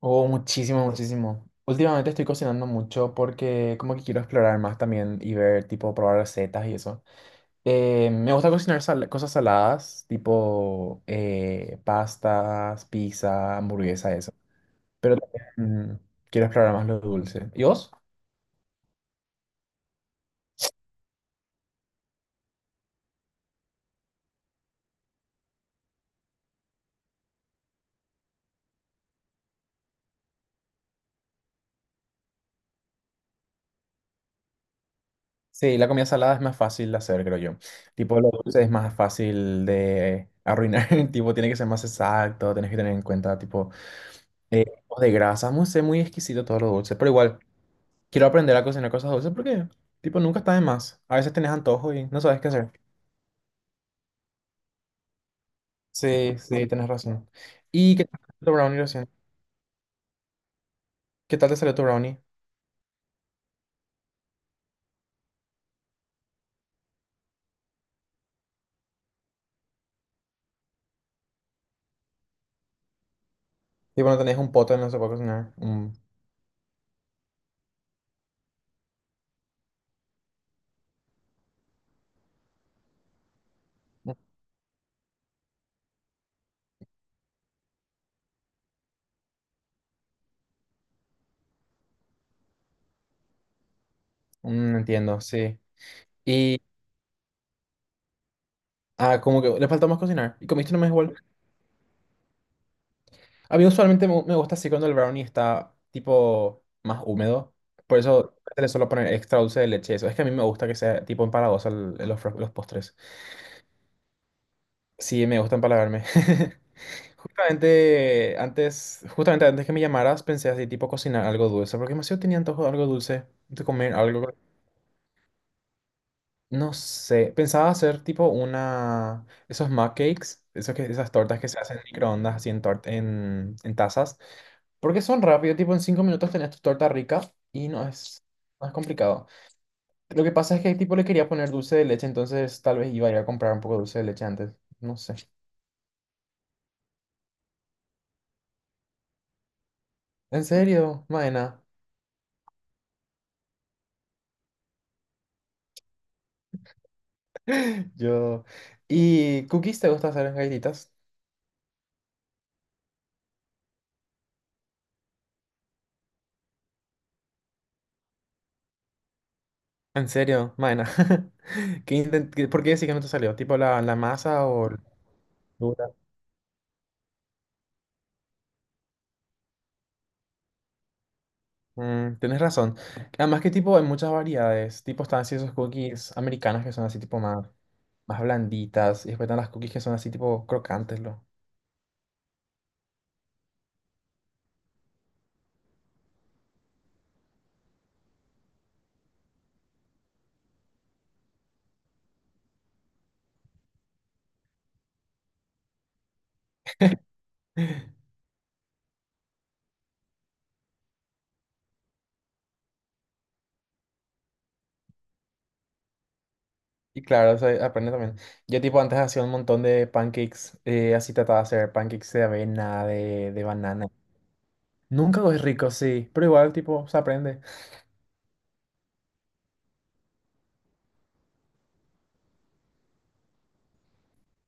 Oh, muchísimo, muchísimo. Últimamente estoy cocinando mucho porque como que quiero explorar más también y ver, tipo, probar recetas y eso. Me gusta cocinar cosas saladas, tipo pastas, pizza, hamburguesa, eso. Pero también quiero explorar más lo dulce. ¿Y vos? Sí, la comida salada es más fácil de hacer, creo yo. Tipo, lo dulce es más fácil de arruinar. Tipo, tiene que ser más exacto, tenés que tener en cuenta, tipo, tipos de grasa. No sé, muy exquisito todo lo dulce, pero igual. Quiero aprender a cocinar cosas dulces porque, tipo, nunca está de más. A veces tenés antojo y no sabes qué hacer. Sí, sí, tenés razón. ¿Y qué tal te salió tu brownie recién? ¿Qué tal te salió tu brownie? Tipo, no tenés un pote, no se puede cocinar. No entiendo, sí. Y, como que le faltó más cocinar. Y comiste nomás igual. A mí usualmente me gusta así cuando el brownie está, tipo, más húmedo. Por eso le suelo poner extra dulce de leche. Eso es que a mí me gusta que sea, tipo, empalagoso los postres. Sí, me gusta empalagarme. Justamente antes que me llamaras, pensé así, tipo cocinar algo dulce, porque demasiado tenía antojo de algo dulce, de comer algo. No sé, pensaba hacer tipo una, esos mug cakes, esos que, esas tortas que se hacen en microondas, así en tazas, porque son rápido, tipo en 5 minutos tenés tu torta rica y no es complicado. Lo que pasa es que tipo le quería poner dulce de leche, entonces tal vez iba a ir a comprar un poco de dulce de leche antes, no sé. ¿En serio, Maena? Yo. ¿Y cookies te gusta hacer en galletitas? En serio, Maena. ¿Por qué decís que no te salió? ¿Tipo la masa o la textura? Mm, tenés razón. Además que tipo hay muchas variedades. Tipo están así esos cookies americanos que son así tipo más blanditas. Y después están las cookies que son así tipo crocantes, lo. Y claro, eso aprende también. Yo tipo antes hacía un montón de pancakes. Así trataba de hacer pancakes de avena, de banana. Nunca es rico, sí. Pero igual tipo se aprende.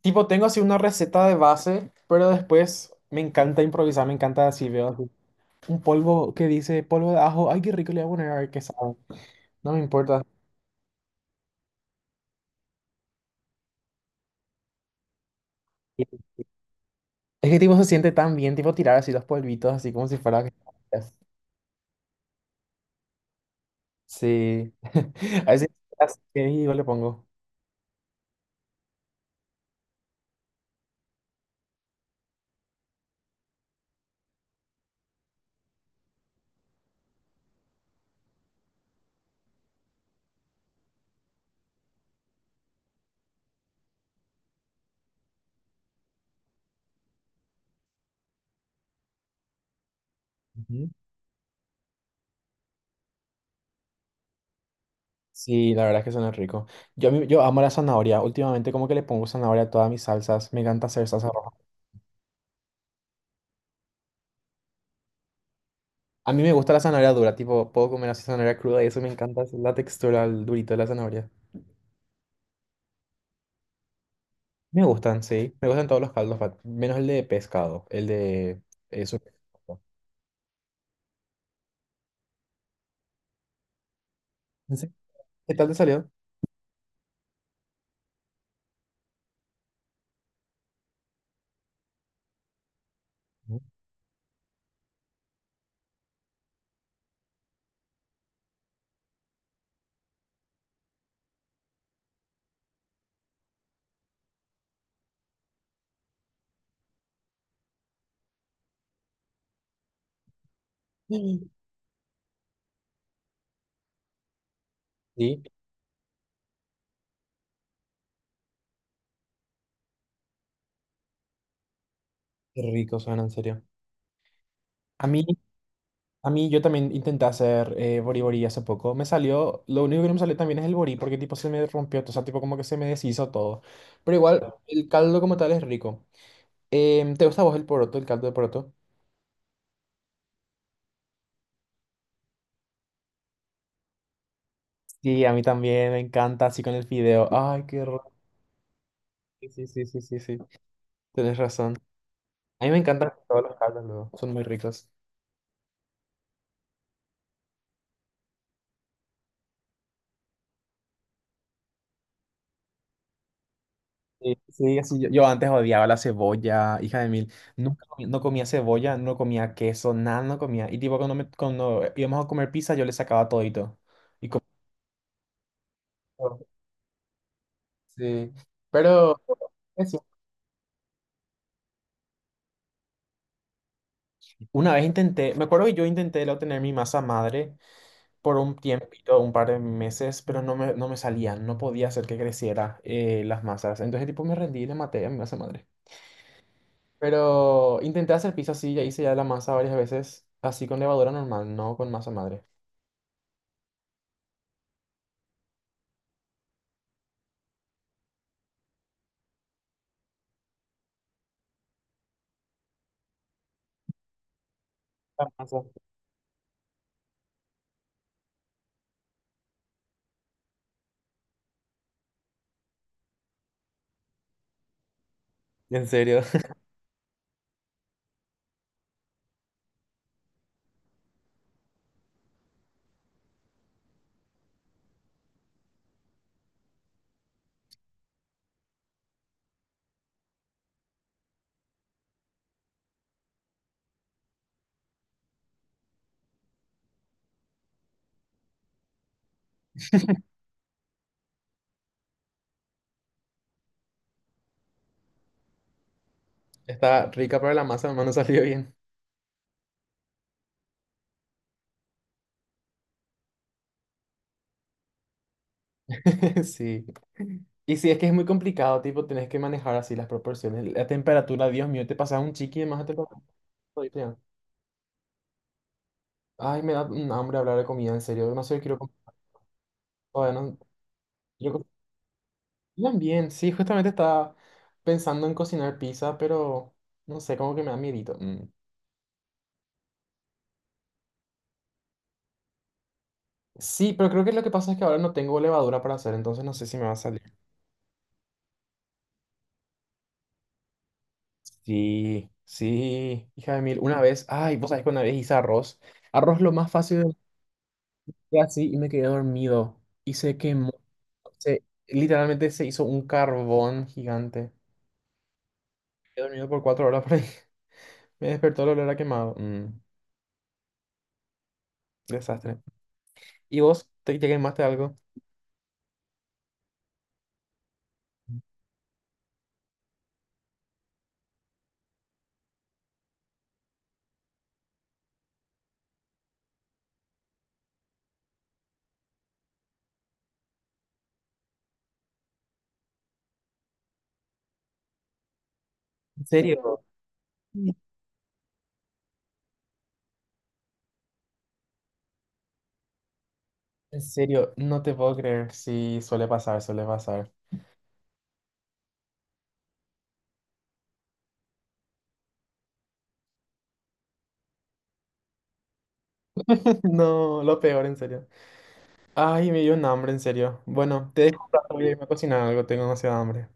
Tipo, tengo así una receta de base, pero después me encanta improvisar, me encanta así, veo así un polvo que dice polvo de ajo, ay, qué rico le voy a poner, a ver qué sabe, no me importa. Es que tipo se siente tan bien, tipo tirar así los polvitos, así como si fuera. Sí, a veces así que yo le pongo. Ujú. Sí, la verdad es que suena rico. Yo amo la zanahoria, últimamente como que le pongo zanahoria a todas mis salsas, me encanta hacer salsa roja. A mí me gusta la zanahoria dura, tipo, puedo comer así zanahoria cruda y eso me encanta, es la textura, el durito de la zanahoria. Me gustan, sí. Me gustan todos los caldos, menos el de pescado, el de eso. ¿En serio? ¿Qué tal te salió? Ujú. Sí, sí, qué rico suena, en serio. A mí, a mí yo también intenté hacer bori bori hace poco. Me salió, lo único que no me salió también es el bori, porque tipo se me rompió, o sea, tipo como que se me deshizo todo. Pero igual, el caldo como tal es rico. ¿Te gusta a vos el poroto, el caldo de poroto? Sí, a mí también me encanta, así con el fideo. Ay, qué rico. Sí, sí, sí, sí, sí. Tenés razón. A mí me encantan todas las carnes, luego. Son muy ricas. Sí, sí, así yo antes odiaba la cebolla, hija de mil. Nunca comí- No comía cebolla, no comía queso, nada, no comía. Y tipo, cuando íbamos a comer pizza, yo le sacaba todito. Y comía todo. Sí. Pero, eso. Una vez intenté, me acuerdo que yo intenté lo tener mi masa madre por un tiempito, un par de meses, pero no me salía, no podía hacer que creciera las masas. Entonces, tipo, me rendí y le maté a mi masa madre. Pero intenté hacer pizza así, ya hice ya la masa varias veces, así con levadura normal, no con masa madre. La masa. En serio, está rica para la masa, nomás no salió bien. Sí. Y sí, es que es muy complicado, tipo, tenés que manejar así las proporciones. La temperatura, Dios mío, te pasas un chiqui de más a temperatura. Ahorita. Ay, me da un hambre hablar de comida, en serio. No sé, quiero comer. Todavía no- quiero co- Cocinan sí, justamente estaba pensando en cocinar pizza, pero no sé, como que me da miedito. Mm. Sí, pero creo que lo que pasa es que ahora no tengo levadura para hacer, entonces no sé si me va a salir. Sí, sí, hija de mil. Una vez, ay, vos sabés que una vez hice arroz. Arroz lo más fácil fue así y me quedé dormido. Y se quemó. Literalmente se hizo un carbón gigante. He dormido por 4 horas por ahí. Me despertó el olor a quemado. Mm, desastre. ¿Y vos te quemaste algo? ¿En serio? En serio, no te puedo creer. Sí, suele pasar, suele pasar. No, lo peor, en serio. Ay, me dio un hambre, en serio. Bueno, te dejo, un rato, voy a irme a cocinar algo, tengo demasiada hambre.